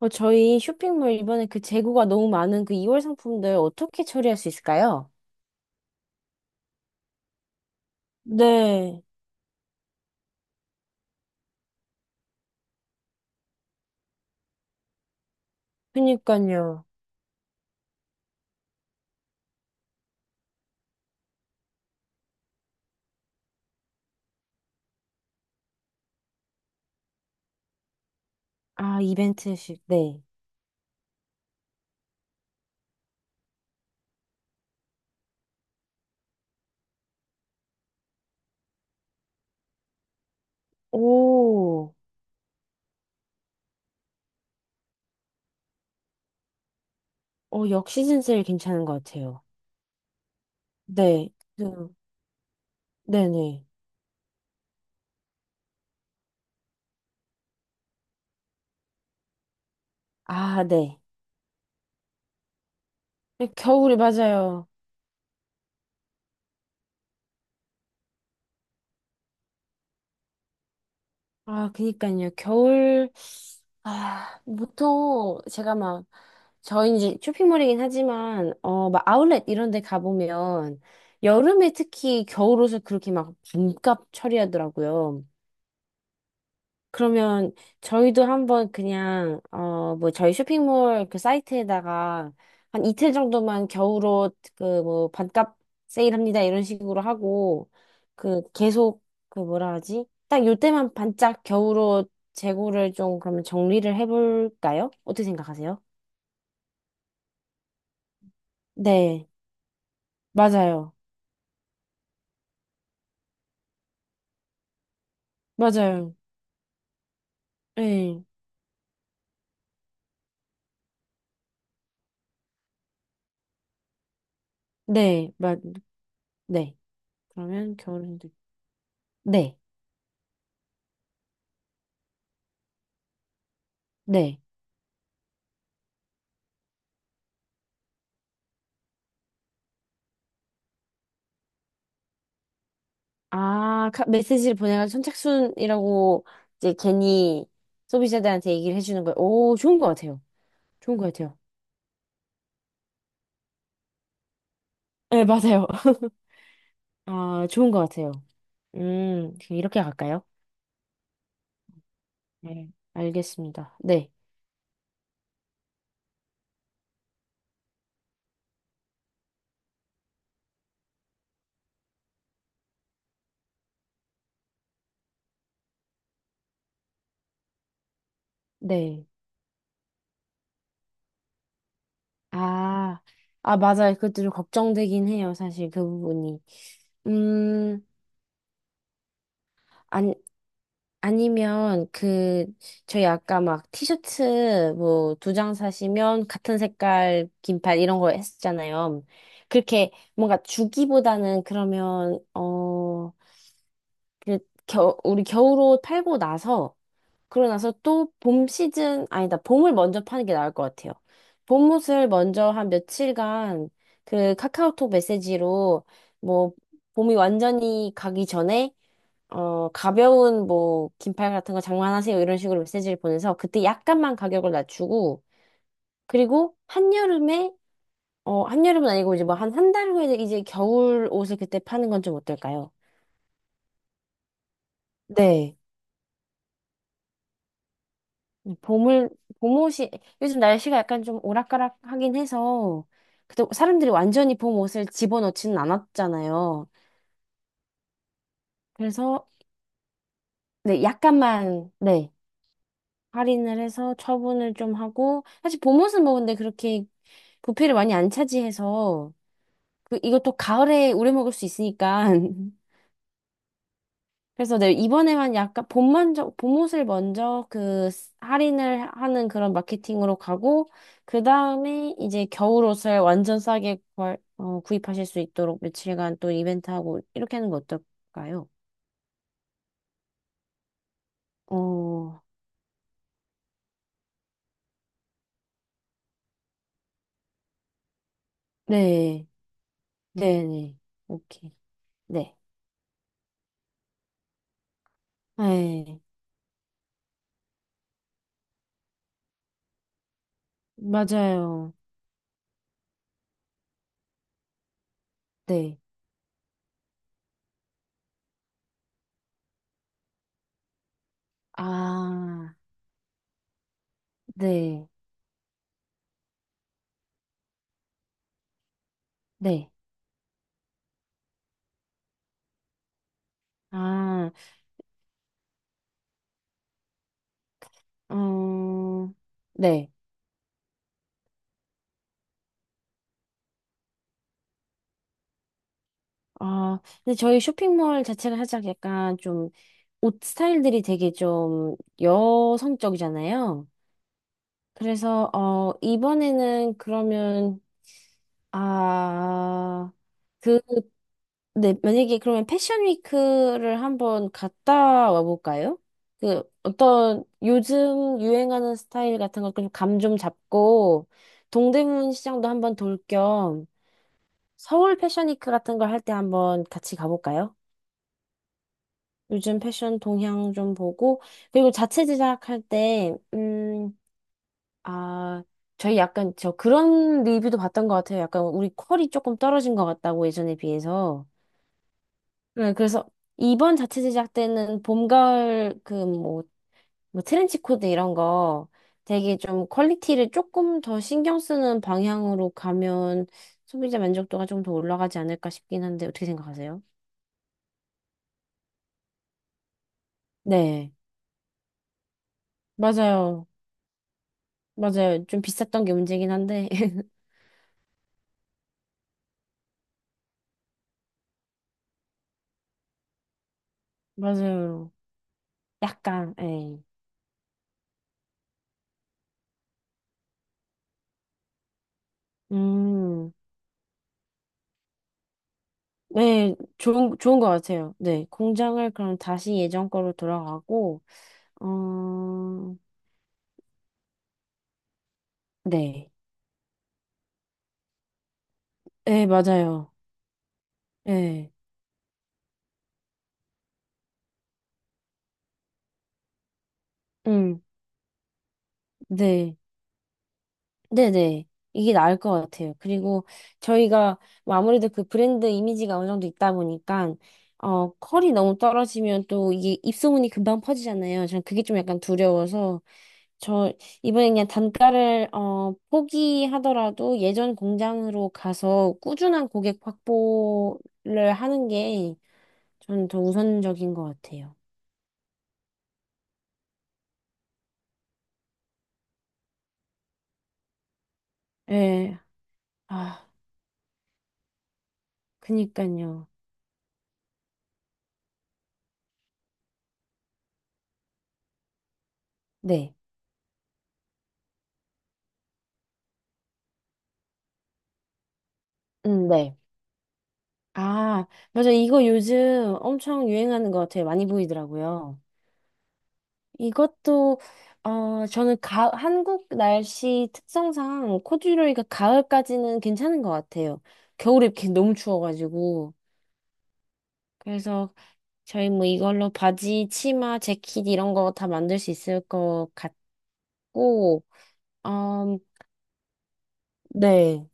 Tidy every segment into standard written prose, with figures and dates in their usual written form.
저희 쇼핑몰 이번에 그 재고가 너무 많은 그 2월 상품들 어떻게 처리할 수 있을까요? 네, 그니까요. 아, 이벤트식, 네. 오, 역시즌 세일 괜찮은 것 같아요. 네, 그, 네네. 아, 네. 네, 겨울이 맞아요. 아, 그니까요. 겨울, 아, 보통 제가 막 저희 이제 쇼핑몰이긴 하지만 막 아울렛 이런 데 가보면 여름에 특히 겨울 옷을 그렇게 막 반값 처리하더라고요. 그러면 저희도 한번 그냥 뭐 저희 쇼핑몰 그 사이트에다가 한 이틀 정도만 겨울 옷그 뭐 반값 세일합니다 이런 식으로 하고 그 계속 그 뭐라 하지? 딱 요때만 반짝 겨울 옷 재고를 좀 그러면 정리를 해볼까요? 어떻게 생각하세요? 네, 맞아요. 맞아요. 네. 네, 맞, 네. 그러면 겨울은, 네, 네. 아, 메시지를 보내가지고 선착순이라고 이제 괜히 소비자들한테 얘기를 해주는 거예요. 오, 좋은 것 같아요. 좋은 것 같아요. 네, 맞아요. 아, 좋은 것 같아요. 그럼 이렇게 갈까요? 네, 알겠습니다. 네, 네. 아, 아, 맞아요. 그것도 좀 걱정되긴 해요. 사실 그 부분이. 음, 아니, 아니면 그 저희 아까 막 티셔츠 뭐 두 장 사시면 같은 색깔 긴팔 이런 거 했었잖아요. 그렇게 뭔가 주기보다는 그러면 어그 겨 우리 겨울옷 팔고 나서 그러고 나서 또 봄 시즌 아니다 봄을 먼저 파는 게 나을 것 같아요. 봄옷을 먼저 한 며칠간 그 카카오톡 메시지로 뭐 봄이 완전히 가기 전에 가벼운 뭐 긴팔 같은 거 장만하세요 이런 식으로 메시지를 보내서 그때 약간만 가격을 낮추고 그리고 한여름에 한여름은 아니고 이제 뭐 한 달 후에 이제 겨울 옷을 그때 파는 건 좀 어떨까요? 네. 봄을 봄옷이 요즘 날씨가 약간 좀 오락가락하긴 해서 그때 사람들이 완전히 봄 옷을 집어넣지는 않았잖아요. 그래서 네, 약간만 네. 할인을 해서 처분을 좀 하고 사실 봄옷은 뭐 근데 그렇게 부피를 많이 안 차지해서 그 이것도 가을에 우려 먹을 수 있으니까 그래서 내 이번에만 약간 봄만 봄옷을 먼저 그 할인을 하는 그런 마케팅으로 가고 그 다음에 이제 겨울옷을 완전 싸게 구입하실 수 있도록 며칠간 또 이벤트하고 이렇게 하는 거 어떨까요? 어, 네, 네, 네, 오케이, 네, 네, 맞아요. 네. 아, 네, 네. 아, 어 네. 아, 근데 저희 쇼핑몰 자체가 살짝 약간 좀 옷 스타일들이 되게 좀 여성적이잖아요. 그래서, 이번에는 그러면, 아, 그 네, 만약에 그러면 패션 위크를 한번 갔다 와볼까요? 그 어떤 요즘 유행하는 스타일 같은 걸좀감 좀 잡고 동대문 시장도 한번 돌 겸 서울 패션 위크 같은 걸 할 때 한번 같이 가볼까요? 요즘 패션 동향 좀 보고 그리고 자체 제작할 때 아, 저희 약간 저 그런 리뷰도 봤던 것 같아요. 약간 우리 퀄이 조금 떨어진 것 같다고 예전에 비해서. 네, 그래서 이번 자체 제작 때는 봄, 가을 그 뭐, 뭐 트렌치 코드 이런 거 되게 좀 퀄리티를 조금 더 신경 쓰는 방향으로 가면 소비자 만족도가 좀 더 올라가지 않을까 싶긴 한데 어떻게 생각하세요? 네, 맞아요. 맞아요. 좀 비쌌던 게 문제긴 한데. 맞아요. 약간, 예. 음, 네, 좋은 것 같아요. 네, 공장을 그럼 다시 예전 거로 돌아가고, 어, 네. 네, 맞아요. 네, 음, 네, 네네. 이게 나을 것 같아요. 그리고 저희가 뭐 아무래도 그 브랜드 이미지가 어느 정도 있다 보니까, 컬이 너무 떨어지면 또 이게 입소문이 금방 퍼지잖아요. 저는 그게 좀 약간 두려워서, 저 이번에 그냥 단가를, 포기하더라도 예전 공장으로 가서 꾸준한 고객 확보를 하는 게 저는 더 우선적인 것 같아요. 예, 아, 그니까요. 네, 네. 아, 맞아. 이거 요즘 엄청 유행하는 것 같아요. 많이 보이더라고요. 이것도, 저는 가, 한국 날씨 특성상 코듀로이가 가을까지는 괜찮은 것 같아요. 겨울에 이렇게 너무 추워가지고. 그래서 저희 뭐 이걸로 바지, 치마, 재킷 이런 거 다 만들 수 있을 것 같고, 음, 네.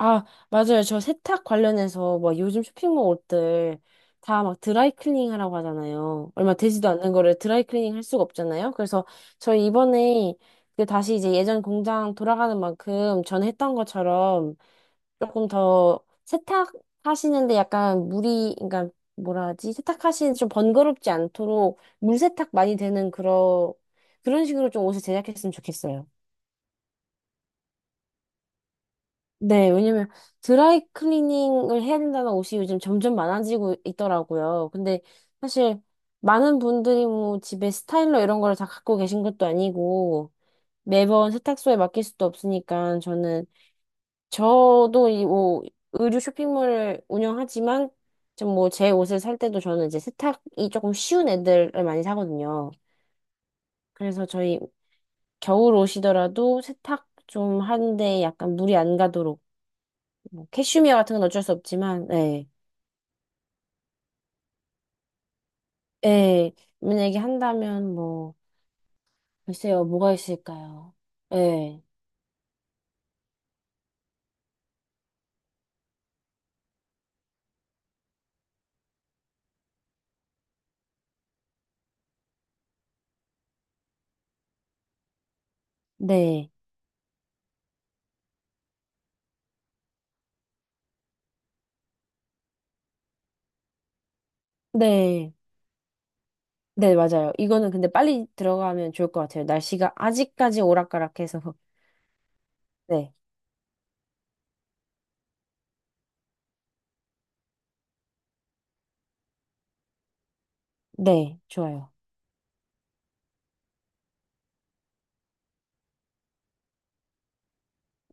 아, 맞아요. 저 세탁 관련해서 뭐 요즘 쇼핑몰 옷들 다 막 드라이클리닝 하라고 하잖아요. 얼마 되지도 않는 거를 드라이클리닝 할 수가 없잖아요. 그래서 저희 이번에 그 다시 이제 예전 공장 돌아가는 만큼 전에 했던 것처럼 조금 더 세탁하시는데 약간 물이, 그러니까 뭐라 하지? 세탁하시는데 좀 번거롭지 않도록 물 세탁 많이 되는 그런, 그런 식으로 좀 옷을 제작했으면 좋겠어요. 네, 왜냐면 드라이 클리닝을 해야 된다는 옷이 요즘 점점 많아지고 있더라고요. 근데 사실 많은 분들이 뭐 집에 스타일러 이런 걸 다 갖고 계신 것도 아니고 매번 세탁소에 맡길 수도 없으니까 저는 저도 이 뭐 의류 쇼핑몰을 운영하지만 좀 뭐 제 옷을 살 때도 저는 이제 세탁이 조금 쉬운 애들을 많이 사거든요. 그래서 저희 겨울 옷이더라도 세탁 좀 하는데 약간 물이 안 가도록 뭐 캐슈미어 같은 건 어쩔 수 없지만, 예. 예. 만약에 한다면 뭐, 글쎄요, 뭐가 있을까요? 예. 네. 네. 네, 맞아요. 이거는 근데 빨리 들어가면 좋을 것 같아요. 날씨가 아직까지 오락가락해서. 네. 네, 좋아요.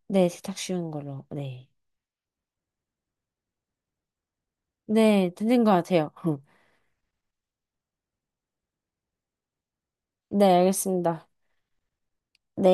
네, 세탁 쉬운 걸로. 네. 네, 되는 것 같아요. 네, 알겠습니다. 네.